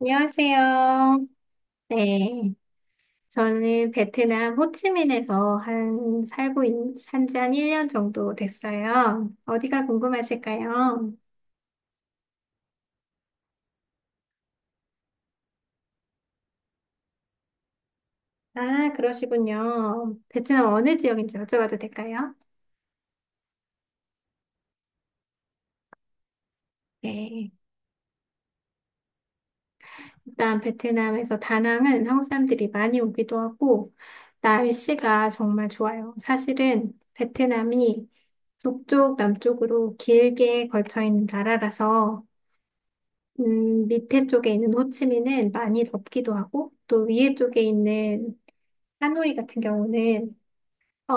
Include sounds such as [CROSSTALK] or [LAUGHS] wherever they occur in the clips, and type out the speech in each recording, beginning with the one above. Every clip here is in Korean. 안녕하세요. 네. 저는 베트남 호치민에서 한 살고 산지 한 1년 정도 됐어요. 어디가 궁금하실까요? 아, 그러시군요. 베트남 어느 지역인지 여쭤봐도 될까요? 네. 일단 베트남에서 다낭은 한국 사람들이 많이 오기도 하고 날씨가 정말 좋아요. 사실은 베트남이 북쪽, 남쪽으로 길게 걸쳐 있는 나라라서 밑에 쪽에 있는 호치민은 많이 덥기도 하고, 또 위에 쪽에 있는 하노이 같은 경우는, 어,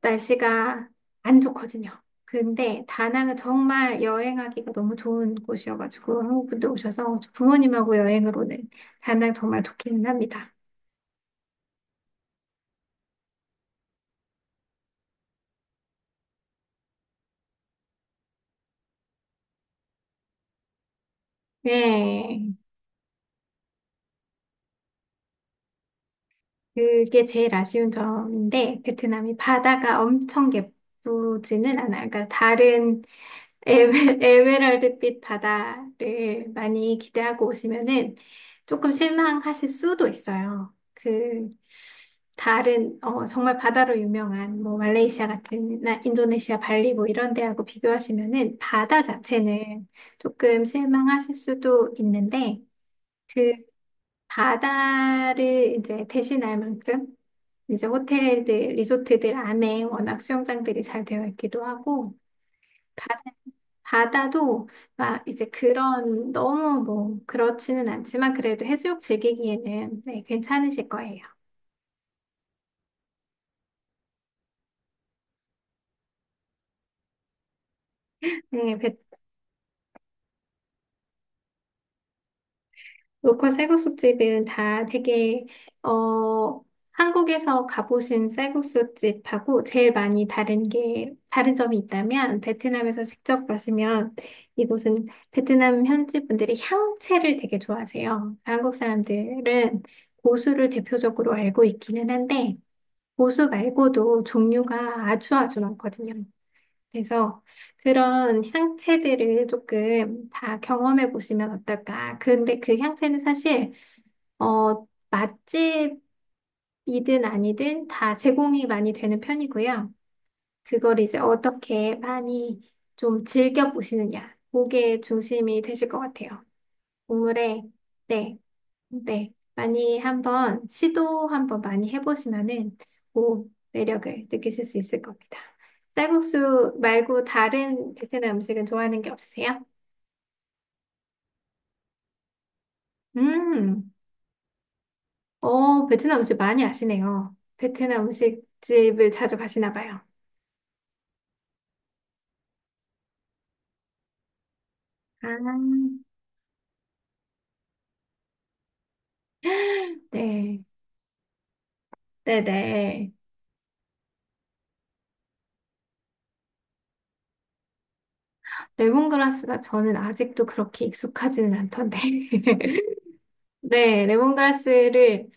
날씨가 안 좋거든요. 근데 다낭은 정말 여행하기가 너무 좋은 곳이어가지고, 한국 분들 오셔서 부모님하고 여행을 오는 다낭 정말 좋기는 합니다. 네, 그게 제일 아쉬운 점인데, 베트남이 바다가 엄청 예쁘지는 않아요. 그러니까 다른 [LAUGHS] 에메랄드빛 바다를 많이 기대하고 오시면은 조금 실망하실 수도 있어요. 그 다른 어 정말 바다로 유명한 뭐 말레이시아 같은 나 인도네시아 발리 뭐 이런 데하고 비교하시면은 바다 자체는 조금 실망하실 수도 있는데 그 바다를 이제 대신할 만큼 이제 호텔들 리조트들 안에 워낙 수영장들이 잘 되어 있기도 하고 바다도 막 이제 그런 너무 뭐 그렇지는 않지만 그래도 해수욕 즐기기에는 네, 괜찮으실 거예요. 네, 베- 로컬 쌀국수집은 다 되게 어 한국에서 가보신 쌀국수집하고 제일 많이 다른 점이 있다면 베트남에서 직접 가시면 이곳은 베트남 현지 분들이 향채를 되게 좋아하세요. 한국 사람들은 고수를 대표적으로 알고 있기는 한데 고수 말고도 종류가 아주 아주 많거든요. 그래서 그런 향채들을 조금 다 경험해 보시면 어떨까. 근데 그 향채는 사실, 어, 맛집이든 아니든 다 제공이 많이 되는 편이고요. 그걸 이제 어떻게 많이 좀 즐겨 보시느냐. 그게 중심이 되실 것 같아요. 오물에 네. 네, 많이 한번 시도 한번 많이 해보시면은 오 매력을 느끼실 수 있을 겁니다. 쌀국수 말고 다른 베트남 음식은 좋아하는 게 없으세요? 음, 어 베트남 음식 많이 아시네요. 베트남 음식집을 자주 가시나 봐요. 아, [GASPS] 네, 네네. 레몬그라스가 저는 아직도 그렇게 익숙하지는 않던데. [LAUGHS] 네, 레몬그라스를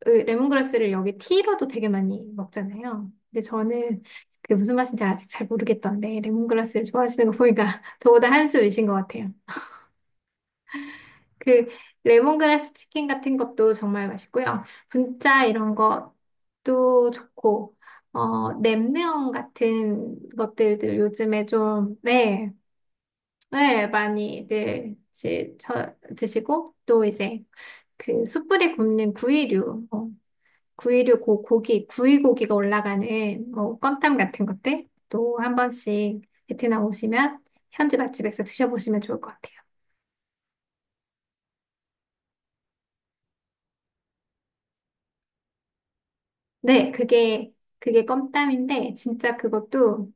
그 레몬그라스를 여기 티로도 되게 많이 먹잖아요. 근데 저는 그게 무슨 맛인지 아직 잘 모르겠던데 레몬그라스를 좋아하시는 거 보니까 [LAUGHS] 저보다 한 수 위신 것 같아요. 그 레몬그라스 치킨 같은 것도 정말 맛있고요. 분짜 이런 것도 좋고 어 냄비형 같은 것들들 요즘에 좀 네, 네 많이들 지- 저- 드시고 또 이제 그 숯불에 굽는 구이류 어, 구이 고기가 올라가는 뭐 껌땀 같은 것들 또 한 번씩 베트남 오시면 현지 맛집에서 드셔보시면 좋을 것 같아요. 네, 그게 그게 껌땀인데 진짜 그것도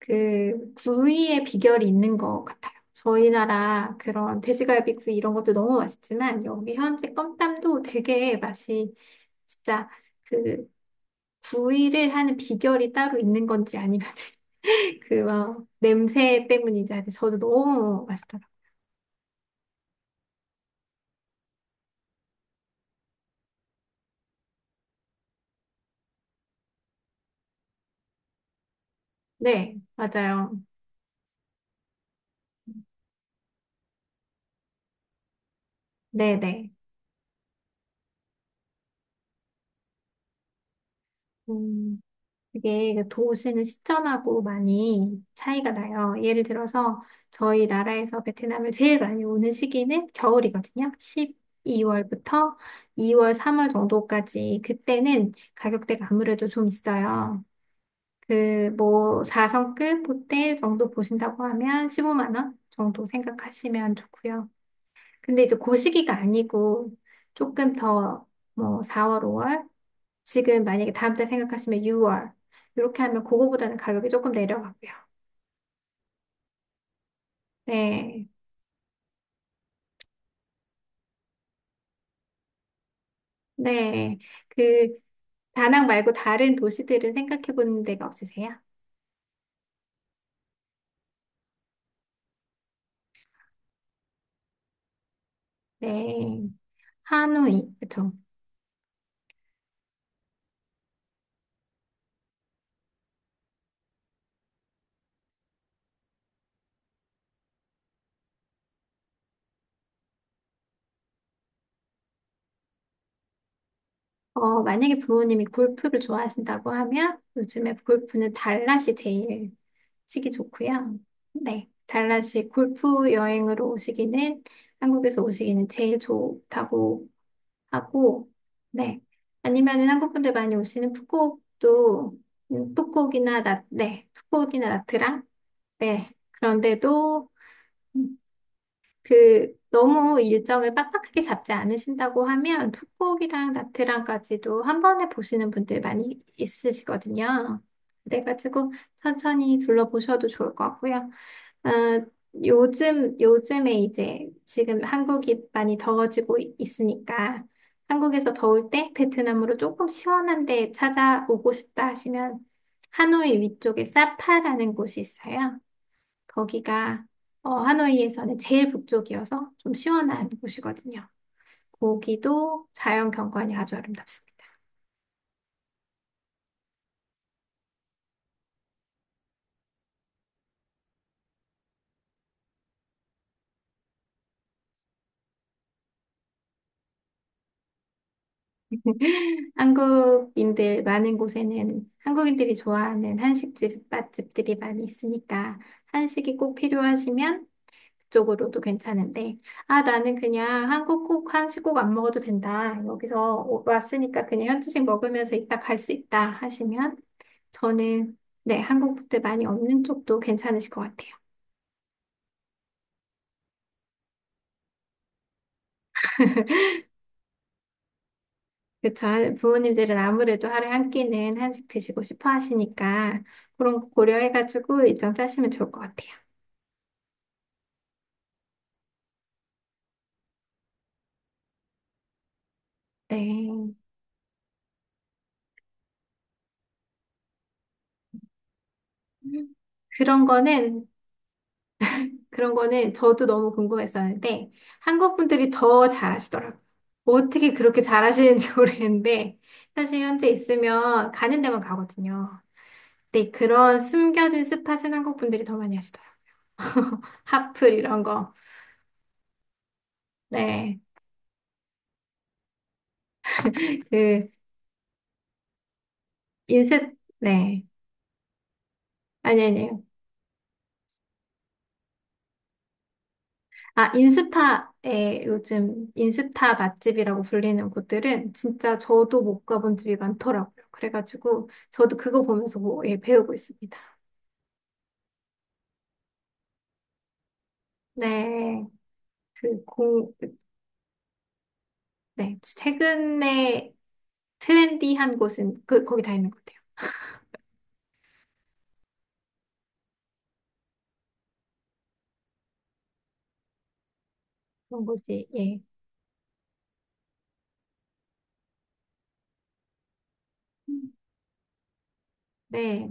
그 구이의 비결이 있는 것 같아요. 저희 나라 그런 돼지갈비 구이 이런 것도 너무 맛있지만 여기 현지 껌땀도 되게 맛이 진짜 그 구이를 하는 비결이 따로 있는 건지 아니면 [LAUGHS] 그 막 냄새 때문인지 아직 저도 너무 맛있더라고요. 네, 맞아요. 네네. 음, 그게 그 도시는 시점하고 많이 차이가 나요. 예를 들어서 저희 나라에서 베트남을 제일 많이 오는 시기는 겨울이거든요. 12월부터 2월, 3월 정도까지 그때는 가격대가 아무래도 좀 있어요. 그 뭐 4성급 호텔 정도 보신다고 하면 15만 원 정도 생각하시면 좋고요. 근데 이제 고 시기가 아니고 조금 더 뭐 4월, 5월 지금 만약에 다음 달 생각하시면 6월 이렇게 하면 그거보다는 가격이 조금 내려가고요. 네, 네. 그 다낭 말고 다른 도시들은 생각해 본 데가 없으세요? 네, 하노이 그쵸? 어, 만약에 부모님이 골프를 좋아하신다고 하면 요즘에 골프는 달랏이 제일 치기 좋고요. 네, 달랏이 골프 여행으로 오시기는 한국에서 오시기는 제일 좋다고 하고, 네. 아니면은 한국 분들 많이 오시는 푸꾸옥도 푸꾸옥이나 나트랑, 네. 그런데도 그 너무 일정을 빡빡하게 잡지 않으신다고 하면 풋고기랑 나트랑까지도 한 번에 보시는 분들 많이 있으시거든요. 그래가지고 천천히 둘러보셔도 좋을 것 같고요. 어, 요즘에 이제 지금 한국이 많이 더워지고 이- 있으니까 한국에서 더울 때 베트남으로 조금 시원한 데 찾아오고 싶다 하시면 하노이 위쪽에 사파라는 곳이 있어요. 거기가 어, 하노이에서는 제일 북쪽이어서 좀 시원한 곳이거든요. 거기도 자연 경관이 아주 아름답습니다. [LAUGHS] 한국인들 많은 곳에는 한국인들이 좋아하는 한식집 맛집들이 많이 있으니까 한식이 꼭 필요하시면 그쪽으로도 괜찮은데 아 나는 그냥 한국 꼭 한식 꼭 안 먹어도 된다. 여기서 오- 왔으니까 그냥 현지식 먹으면서 이따 갈 수 있다 하시면 저는 네, 한국 분들 많이 없는 쪽도 괜찮으실 것 같아요. 그쵸. 한- 부모님들은 아무래도 하루에 한 끼는 한식 드시고 싶어 하시니까 그런 거 고려해가지고 일정 짜시면 좋을 것 같아요. 네. 그런 거는, 그런 거는 저도 너무 궁금했었는데 한국 분들이 더 잘하시더라고요. 어떻게 그렇게 잘하시는지 [LAUGHS] 모르겠는데 사실 현재 있으면 가는 데만 가거든요. 네, 그런 숨겨진 스팟은 한국 분들이 더 많이 하시더라고요. [LAUGHS] 핫플 이런 거. 네. [LAUGHS] 그 인셋 네. 아니 아니에요. 아, 인스타에 요즘 인스타 맛집이라고 불리는 곳들은 진짜 저도 못 가본 집이 많더라고요. 그래가지고 저도 그거 보면서 뭐, 예, 배우고 있습니다. 네, 그 공, 네, 최근에 트렌디한 곳은 그 거기 다 있는 것 같아요. 그런 곳이 예, 네.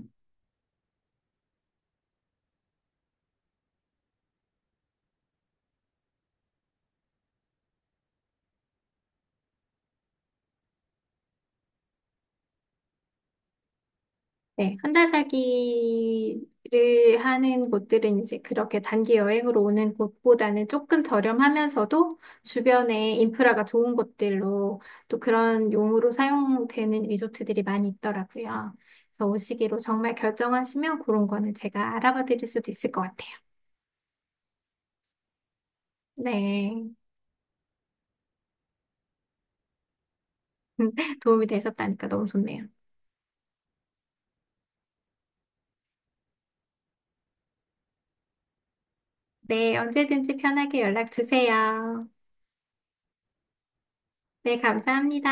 네, 한 달 살기를 하는 곳들은 이제 그렇게 단기 여행으로 오는 곳보다는 조금 저렴하면서도 주변에 인프라가 좋은 곳들로 또 그런 용으로 사용되는 리조트들이 많이 있더라고요. 그래서 오시기로 정말 결정하시면 그런 거는 제가 알아봐 드릴 수도 있을 것 같아요. 네. [LAUGHS] 도움이 되셨다니까 너무 좋네요. 네, 언제든지 편하게 연락 주세요. 네, 감사합니다.